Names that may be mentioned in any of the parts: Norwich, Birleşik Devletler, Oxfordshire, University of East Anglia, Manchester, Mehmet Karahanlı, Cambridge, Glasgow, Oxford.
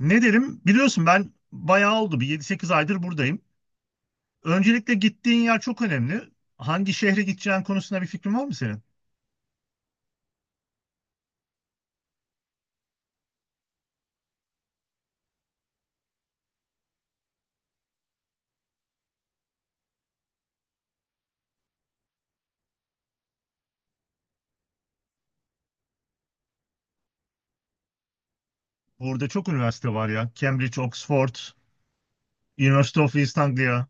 Ne derim? Biliyorsun ben bayağı oldu. Bir 7-8 aydır buradayım. Öncelikle gittiğin yer çok önemli. Hangi şehre gideceğin konusunda bir fikrin var mı senin? Burada çok üniversite var ya. Cambridge, Oxford, University of East Anglia.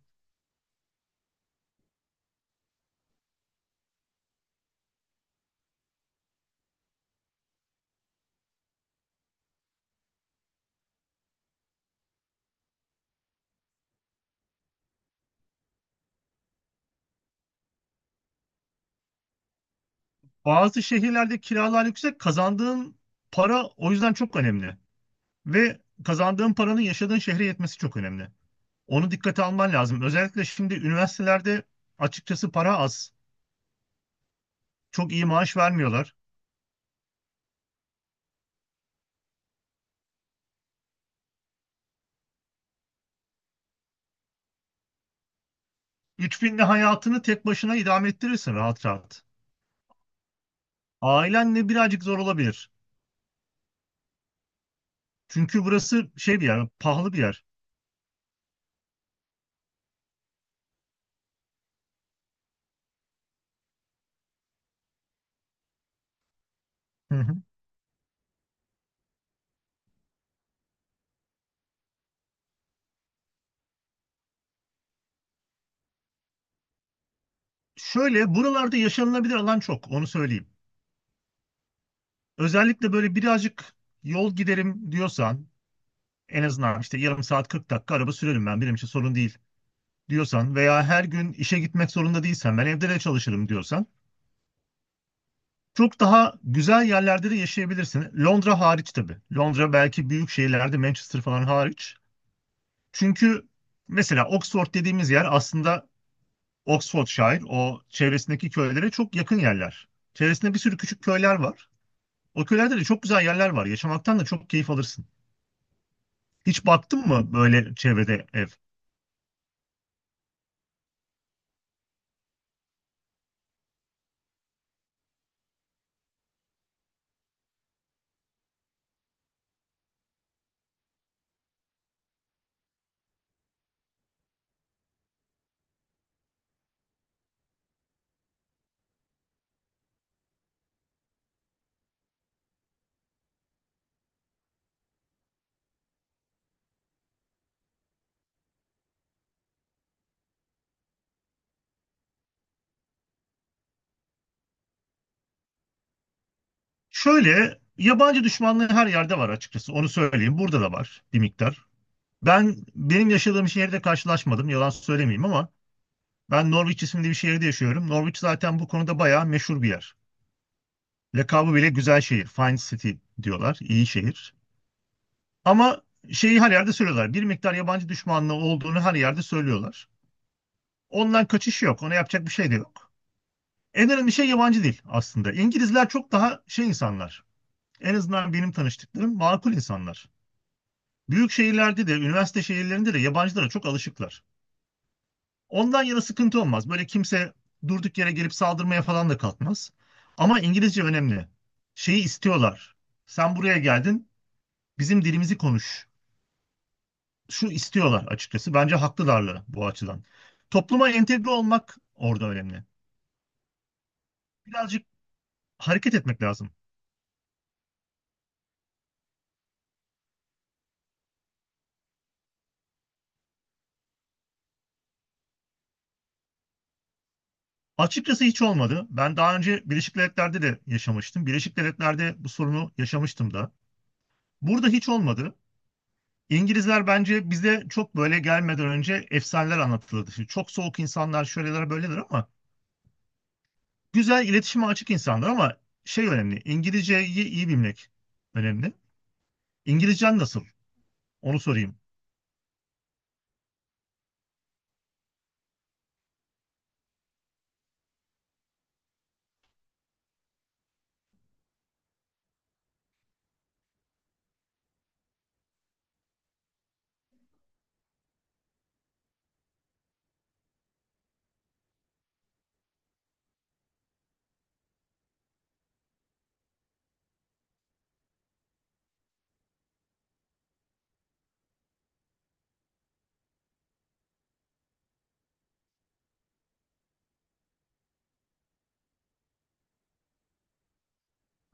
Bazı şehirlerde kiralar yüksek. Kazandığın para o yüzden çok önemli. Ve kazandığın paranın yaşadığın şehre yetmesi çok önemli. Onu dikkate alman lazım. Özellikle şimdi üniversitelerde açıkçası para az. Çok iyi maaş vermiyorlar. 3.000'le hayatını tek başına idame ettirirsin rahat rahat. Ailenle birazcık zor olabilir. Çünkü burası şey bir yer, pahalı bir yer. Hı hı. Şöyle buralarda yaşanılabilir alan çok onu söyleyeyim. Özellikle böyle birazcık yol giderim diyorsan en azından işte yarım saat 40 dakika araba sürerim ben benim için sorun değil diyorsan veya her gün işe gitmek zorunda değilsen ben evde de çalışırım diyorsan çok daha güzel yerlerde de yaşayabilirsin. Londra hariç tabii. Londra belki büyük şehirlerde Manchester falan hariç. Çünkü mesela Oxford dediğimiz yer aslında Oxfordshire, o çevresindeki köylere çok yakın yerler. Çevresinde bir sürü küçük köyler var. O köylerde de çok güzel yerler var. Yaşamaktan da çok keyif alırsın. Hiç baktın mı böyle çevrede ev? Şöyle, yabancı düşmanlığı her yerde var açıkçası. Onu söyleyeyim. Burada da var bir miktar. Ben benim yaşadığım şehirde karşılaşmadım. Yalan söylemeyeyim ama ben Norwich isimli bir şehirde yaşıyorum. Norwich zaten bu konuda bayağı meşhur bir yer. Lakabı bile güzel şehir. Fine City diyorlar. İyi şehir. Ama şeyi her yerde söylüyorlar. Bir miktar yabancı düşmanlığı olduğunu her yerde söylüyorlar. Ondan kaçış yok. Ona yapacak bir şey de yok. En önemli şey yabancı dil aslında. İngilizler çok daha şey insanlar. En azından benim tanıştıklarım makul insanlar. Büyük şehirlerde de, üniversite şehirlerinde de yabancılara çok alışıklar. Ondan yana sıkıntı olmaz. Böyle kimse durduk yere gelip saldırmaya falan da kalkmaz. Ama İngilizce önemli. Şeyi istiyorlar. Sen buraya geldin, bizim dilimizi konuş şu istiyorlar açıkçası. Bence haklılar da bu açıdan. Topluma entegre olmak orada önemli. Birazcık hareket etmek lazım. Açıkçası hiç olmadı. Ben daha önce Birleşik Devletler'de de yaşamıştım. Birleşik Devletler'de bu sorunu yaşamıştım da. Burada hiç olmadı. İngilizler bence bize çok böyle gelmeden önce efsaneler anlatılırdı. Şimdi çok soğuk insanlar şöyleler böyleler ama güzel iletişime açık insanlar ama şey önemli. İngilizceyi iyi bilmek önemli. İngilizcen nasıl? Onu sorayım.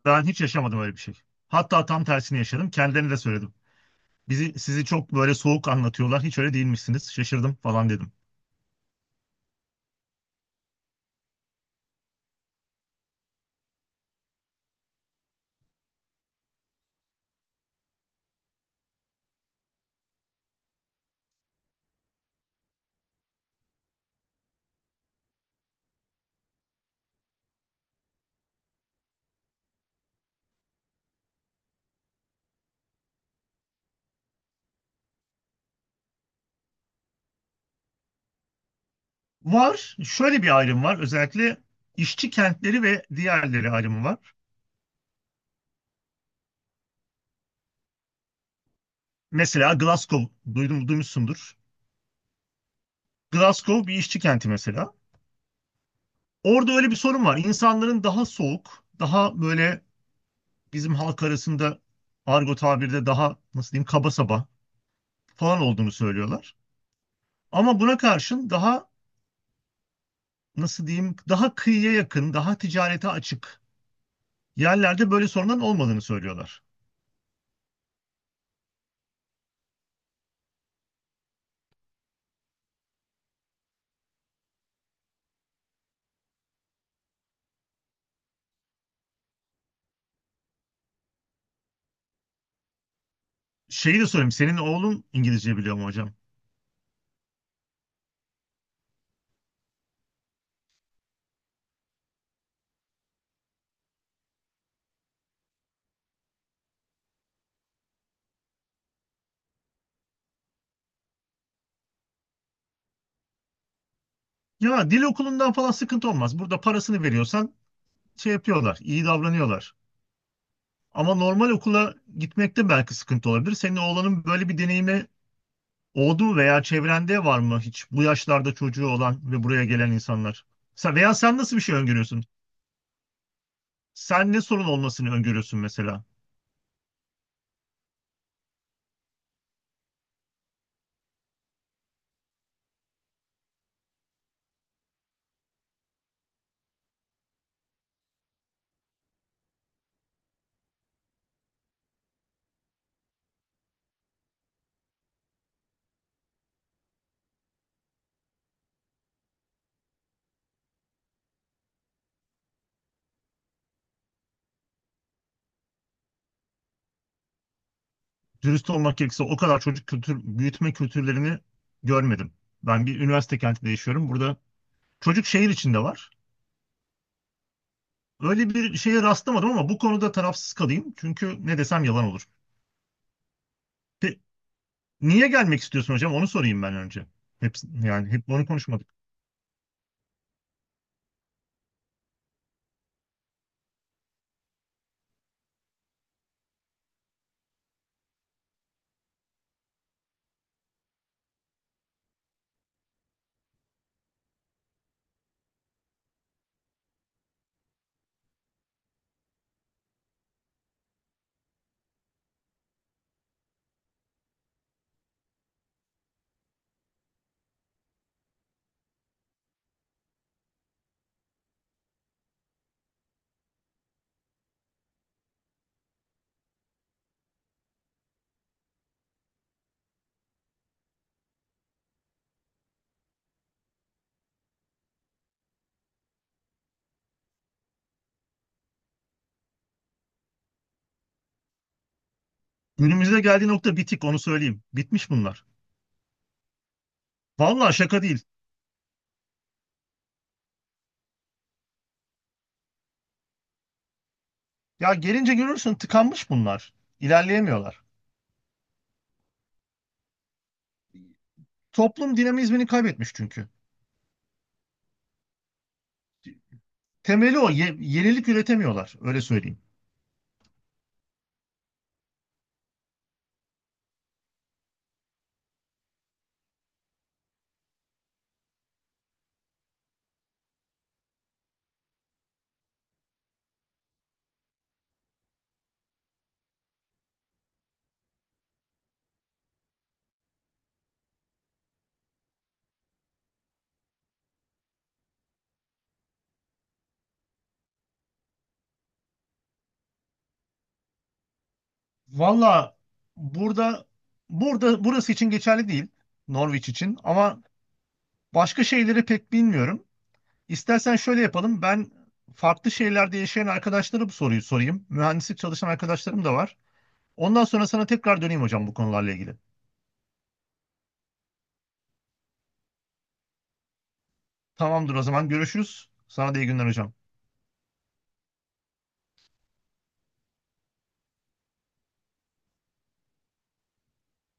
Ben hiç yaşamadım öyle bir şey. Hatta tam tersini yaşadım. Kendilerine de söyledim. Bizi, sizi çok böyle soğuk anlatıyorlar. Hiç öyle değilmişsiniz. Şaşırdım falan dedim. Var. Şöyle bir ayrım var. Özellikle işçi kentleri ve diğerleri ayrımı var. Mesela Glasgow. Duydum, duymuşsundur. Glasgow bir işçi kenti mesela. Orada öyle bir sorun var. İnsanların daha soğuk, daha böyle bizim halk arasında argo tabirde daha nasıl diyeyim kaba saba falan olduğunu söylüyorlar. Ama buna karşın daha nasıl diyeyim daha kıyıya yakın, daha ticarete açık yerlerde böyle sorunların olmadığını söylüyorlar. Şeyi de sorayım, senin oğlun İngilizce biliyor mu hocam? Ya dil okulundan falan sıkıntı olmaz. Burada parasını veriyorsan şey yapıyorlar, iyi davranıyorlar. Ama normal okula gitmekte belki sıkıntı olabilir. Senin oğlanın böyle bir deneyimi oldu mu veya çevrende var mı hiç bu yaşlarda çocuğu olan ve buraya gelen insanlar? Sen, veya sen nasıl bir şey öngörüyorsun? Sen ne sorun olmasını öngörüyorsun mesela? Dürüst olmak gerekirse o kadar çocuk kültür büyütme kültürlerini görmedim. Ben bir üniversite kentinde yaşıyorum. Burada çocuk şehir içinde var. Öyle bir şeye rastlamadım ama bu konuda tarafsız kalayım. Çünkü ne desem yalan olur. Pe- Niye gelmek istiyorsun hocam? Onu sorayım ben önce. Hep, yani hep onu konuşmadık. Günümüzde geldiği nokta bitik onu söyleyeyim. Bitmiş bunlar. Vallahi şaka değil. Ya gelince görürsün tıkanmış bunlar. İlerleyemiyorlar. Toplum dinamizmini kaybetmiş çünkü. Temeli o. Yenilik üretemiyorlar. Öyle söyleyeyim. Valla burada burada burası için geçerli değil. Norwich için ama başka şeyleri pek bilmiyorum. İstersen şöyle yapalım. Ben farklı şehirlerde yaşayan arkadaşlara bu soruyu sorayım. Mühendislik çalışan arkadaşlarım da var. Ondan sonra sana tekrar döneyim hocam bu konularla ilgili. Tamamdır o zaman görüşürüz. Sana da iyi günler hocam.